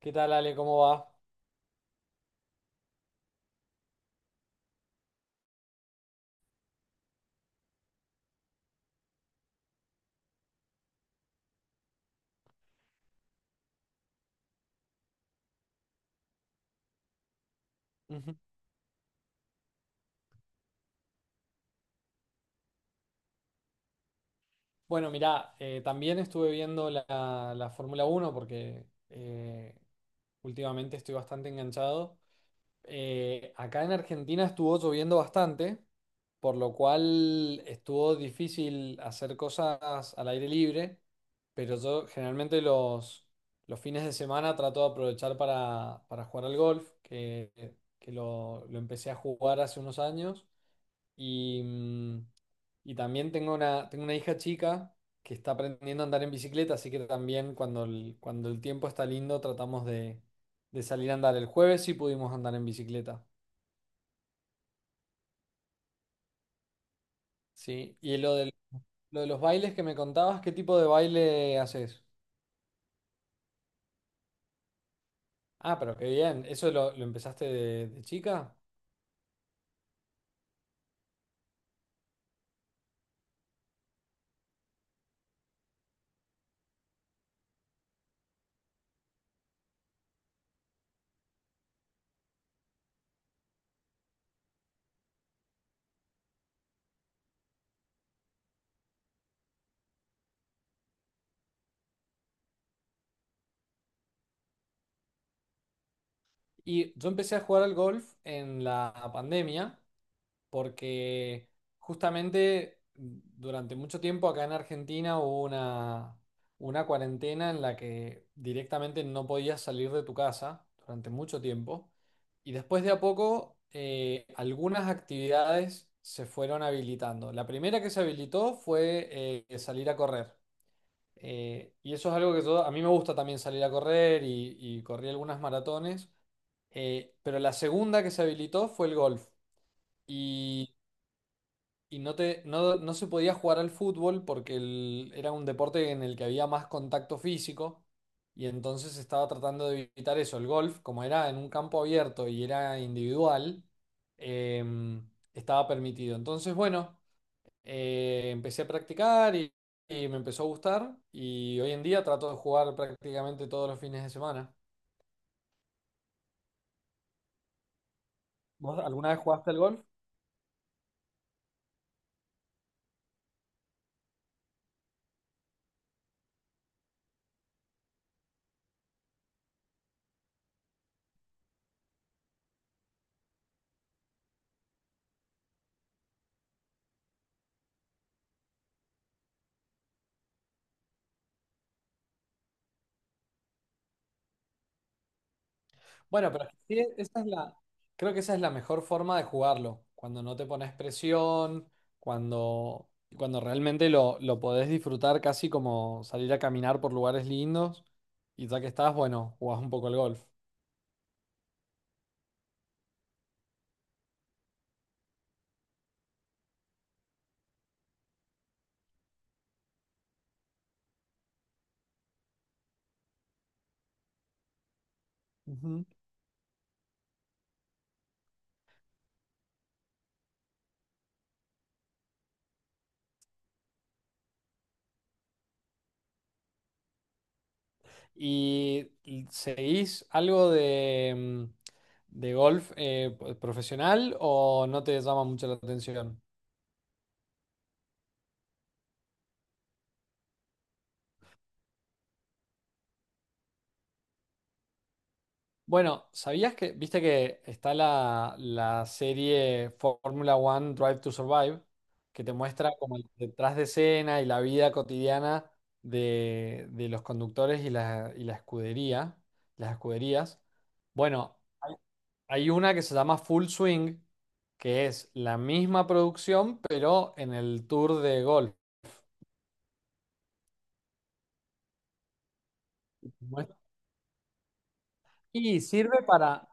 ¿Qué tal, Ale? ¿Cómo va? Ujú. Bueno, mirá, también estuve viendo la Fórmula Uno porque últimamente estoy bastante enganchado. Acá en Argentina estuvo lloviendo bastante, por lo cual estuvo difícil hacer cosas al aire libre, pero yo generalmente los fines de semana trato de aprovechar para jugar al golf, que lo empecé a jugar hace unos años. Y, y también tengo tengo una hija chica que está aprendiendo a andar en bicicleta, así que también cuando cuando el tiempo está lindo tratamos de salir a andar. El jueves sí pudimos andar en bicicleta, ¿sí? Y lo de los bailes que me contabas, ¿qué tipo de baile haces? Ah, pero qué bien, ¿eso lo empezaste de chica? Y yo empecé a jugar al golf en la pandemia, porque justamente durante mucho tiempo acá en Argentina hubo una cuarentena en la que directamente no podías salir de tu casa durante mucho tiempo, y después de a poco algunas actividades se fueron habilitando. La primera que se habilitó fue, salir a correr. Y eso es algo que a mí me gusta también salir a correr, y corrí algunas maratones. Pero la segunda que se habilitó fue el golf. Y y no te, no, no se podía jugar al fútbol porque era un deporte en el que había más contacto físico, y entonces estaba tratando de evitar eso. El golf, como era en un campo abierto y era individual, estaba permitido. Entonces, bueno, empecé a practicar, y me empezó a gustar, y hoy en día trato de jugar prácticamente todos los fines de semana. ¿Vos alguna vez jugaste al golf? Bueno, pero sí, creo que esa es la mejor forma de jugarlo, cuando no te pones presión, cuando, cuando realmente lo podés disfrutar casi como salir a caminar por lugares lindos, y ya que estás, bueno, jugás un poco al golf. Ujú. Y seguís algo de, de golf profesional, o no te llama mucho la atención? Bueno, ¿sabías que, viste que está la serie Fórmula One Drive to Survive, que te muestra como el detrás de escena y la vida cotidiana de los conductores y y la escudería, las escuderías? Bueno, hay una que se llama Full Swing, que es la misma producción, pero en el Tour de Golf. Muestra- Y sirve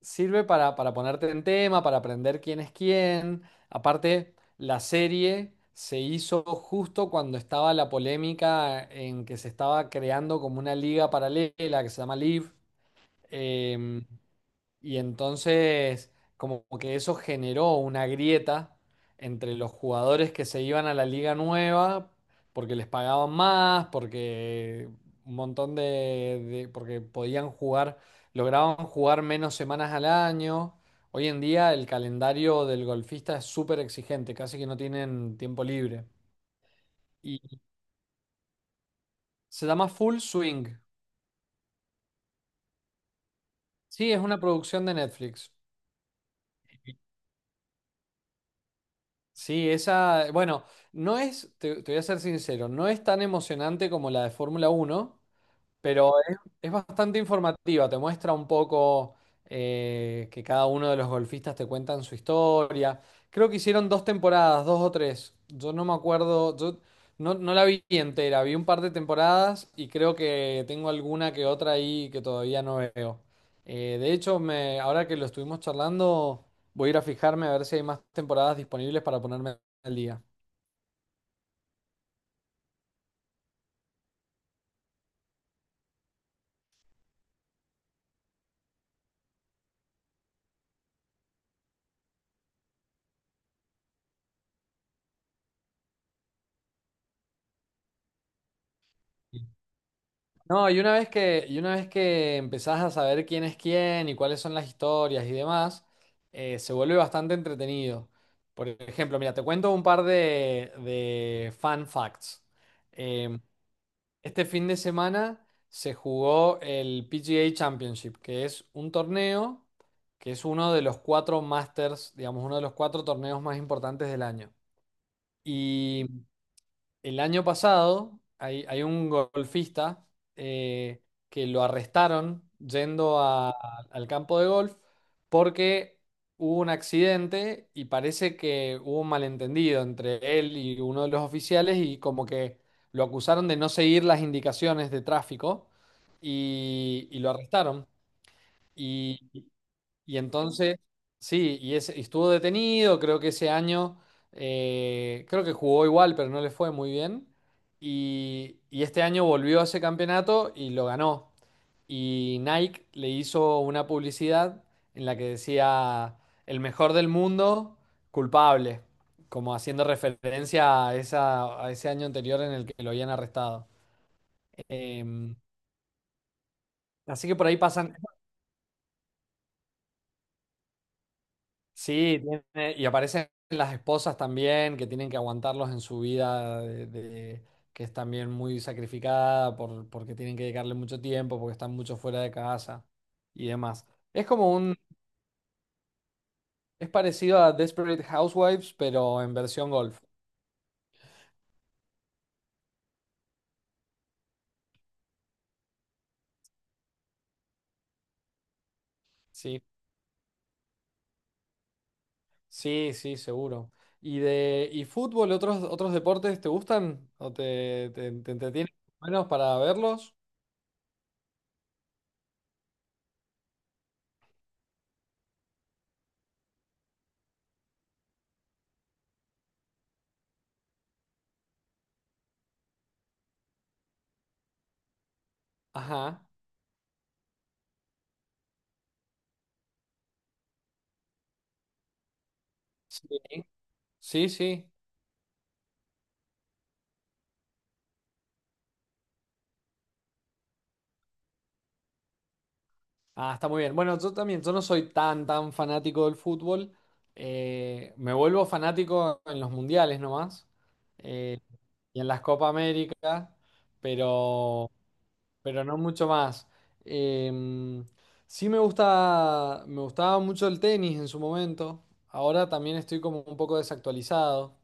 sirve para ponerte en tema, para aprender quién es quién. Aparte, la serie se hizo justo cuando estaba la polémica en que se estaba creando como una liga paralela que se llama Liv. Y entonces, como que eso generó una grieta entre los jugadores que se iban a la liga nueva porque les pagaban más, porque un montón de- porque podían jugar, lograban jugar menos semanas al año. Hoy en día el calendario del golfista es súper exigente, casi que no tienen tiempo libre. Y se llama Full Swing. Sí, es una producción de Netflix. Sí, esa, bueno, no es, te voy a ser sincero, no es tan emocionante como la de Fórmula uno. Pero es, es bastante informativa, te muestra un poco, que cada uno de los golfistas te cuentan su historia. Creo que hicieron dos temporadas, dos o tres. Yo no me acuerdo, yo no, no la vi entera, vi un par de temporadas, y creo que tengo alguna que otra ahí que todavía no veo. De hecho, ahora que lo estuvimos charlando, voy a ir a fijarme a ver si hay más temporadas disponibles para ponerme al día. No, y una vez que, y una vez que empezás a saber quién es quién y cuáles son las historias y demás, se vuelve bastante entretenido. Por ejemplo, mira, te cuento un par de fun facts. Eh, este fin de semana se jugó el PGA Championship, que es un torneo que es uno de los cuatro Masters, digamos, uno de los cuatro torneos más importantes del año. Y el año pasado hay un golfista eh, que lo arrestaron al campo de golf porque hubo un accidente, y parece que hubo un malentendido entre él y uno de los oficiales, y como que lo acusaron de no seguir las indicaciones de tráfico, y lo arrestaron. Y, y entonces, sí, y estuvo detenido, creo que ese año, creo que jugó igual, pero no le fue muy bien. Y este año volvió a ese campeonato y lo ganó. Y Nike le hizo una publicidad en la que decía: el mejor del mundo, culpable, como haciendo referencia a, esa, a ese año anterior en el que lo habían arrestado. Em, Así que por ahí pasan. Sí, y aparecen las esposas también que tienen que aguantarlos en su vida, que es también muy sacrificada porque tienen que dedicarle mucho tiempo, porque están mucho fuera de casa y demás. Es como un, es parecido a Desperate Housewives, pero en versión golf. Sí, sí, sí, seguro. ¿Y de y fútbol, otros deportes te gustan, o te entretienen menos para verlos? Ajá. Sí, sí, sí. Ah, está muy bien. Bueno, yo también, yo no soy tan fanático del fútbol. Me vuelvo fanático en los mundiales nomás, eh, y en las Copa América, pero, pero no mucho más. Eh, sí me gusta, me gustaba mucho el tenis en su momento. Ahora también estoy como un poco desactualizado.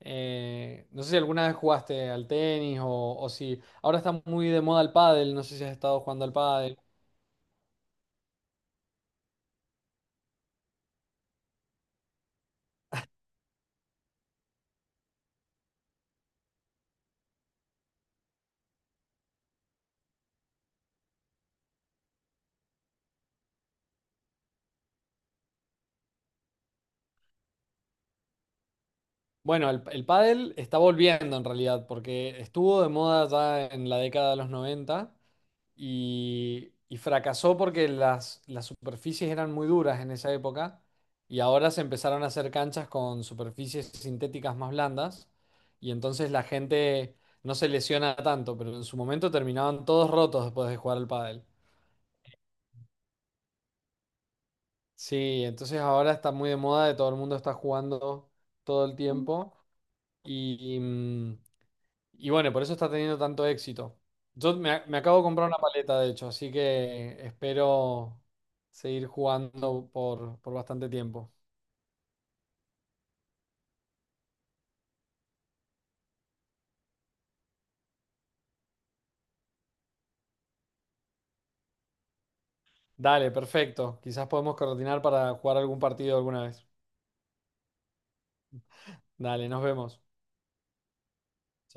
No sé si alguna vez jugaste al tenis, o si ahora está muy de moda el pádel. No sé si has estado jugando al pádel. Bueno, el pádel está volviendo en realidad, porque estuvo de moda ya en la década de los noventa, y fracasó porque las superficies eran muy duras en esa época, y ahora se empezaron a hacer canchas con superficies sintéticas más blandas, y entonces la gente no se lesiona tanto, pero en su momento terminaban todos rotos después de jugar al pádel. Sí, entonces ahora está muy de moda, de todo el mundo está jugando todo el tiempo y... y bueno, por eso está teniendo tanto éxito. Me acabo de comprar una paleta, de hecho, así que espero seguir jugando por bastante tiempo. Dale, perfecto. Quizás podemos coordinar para jugar algún partido alguna vez. Dale, nos vemos.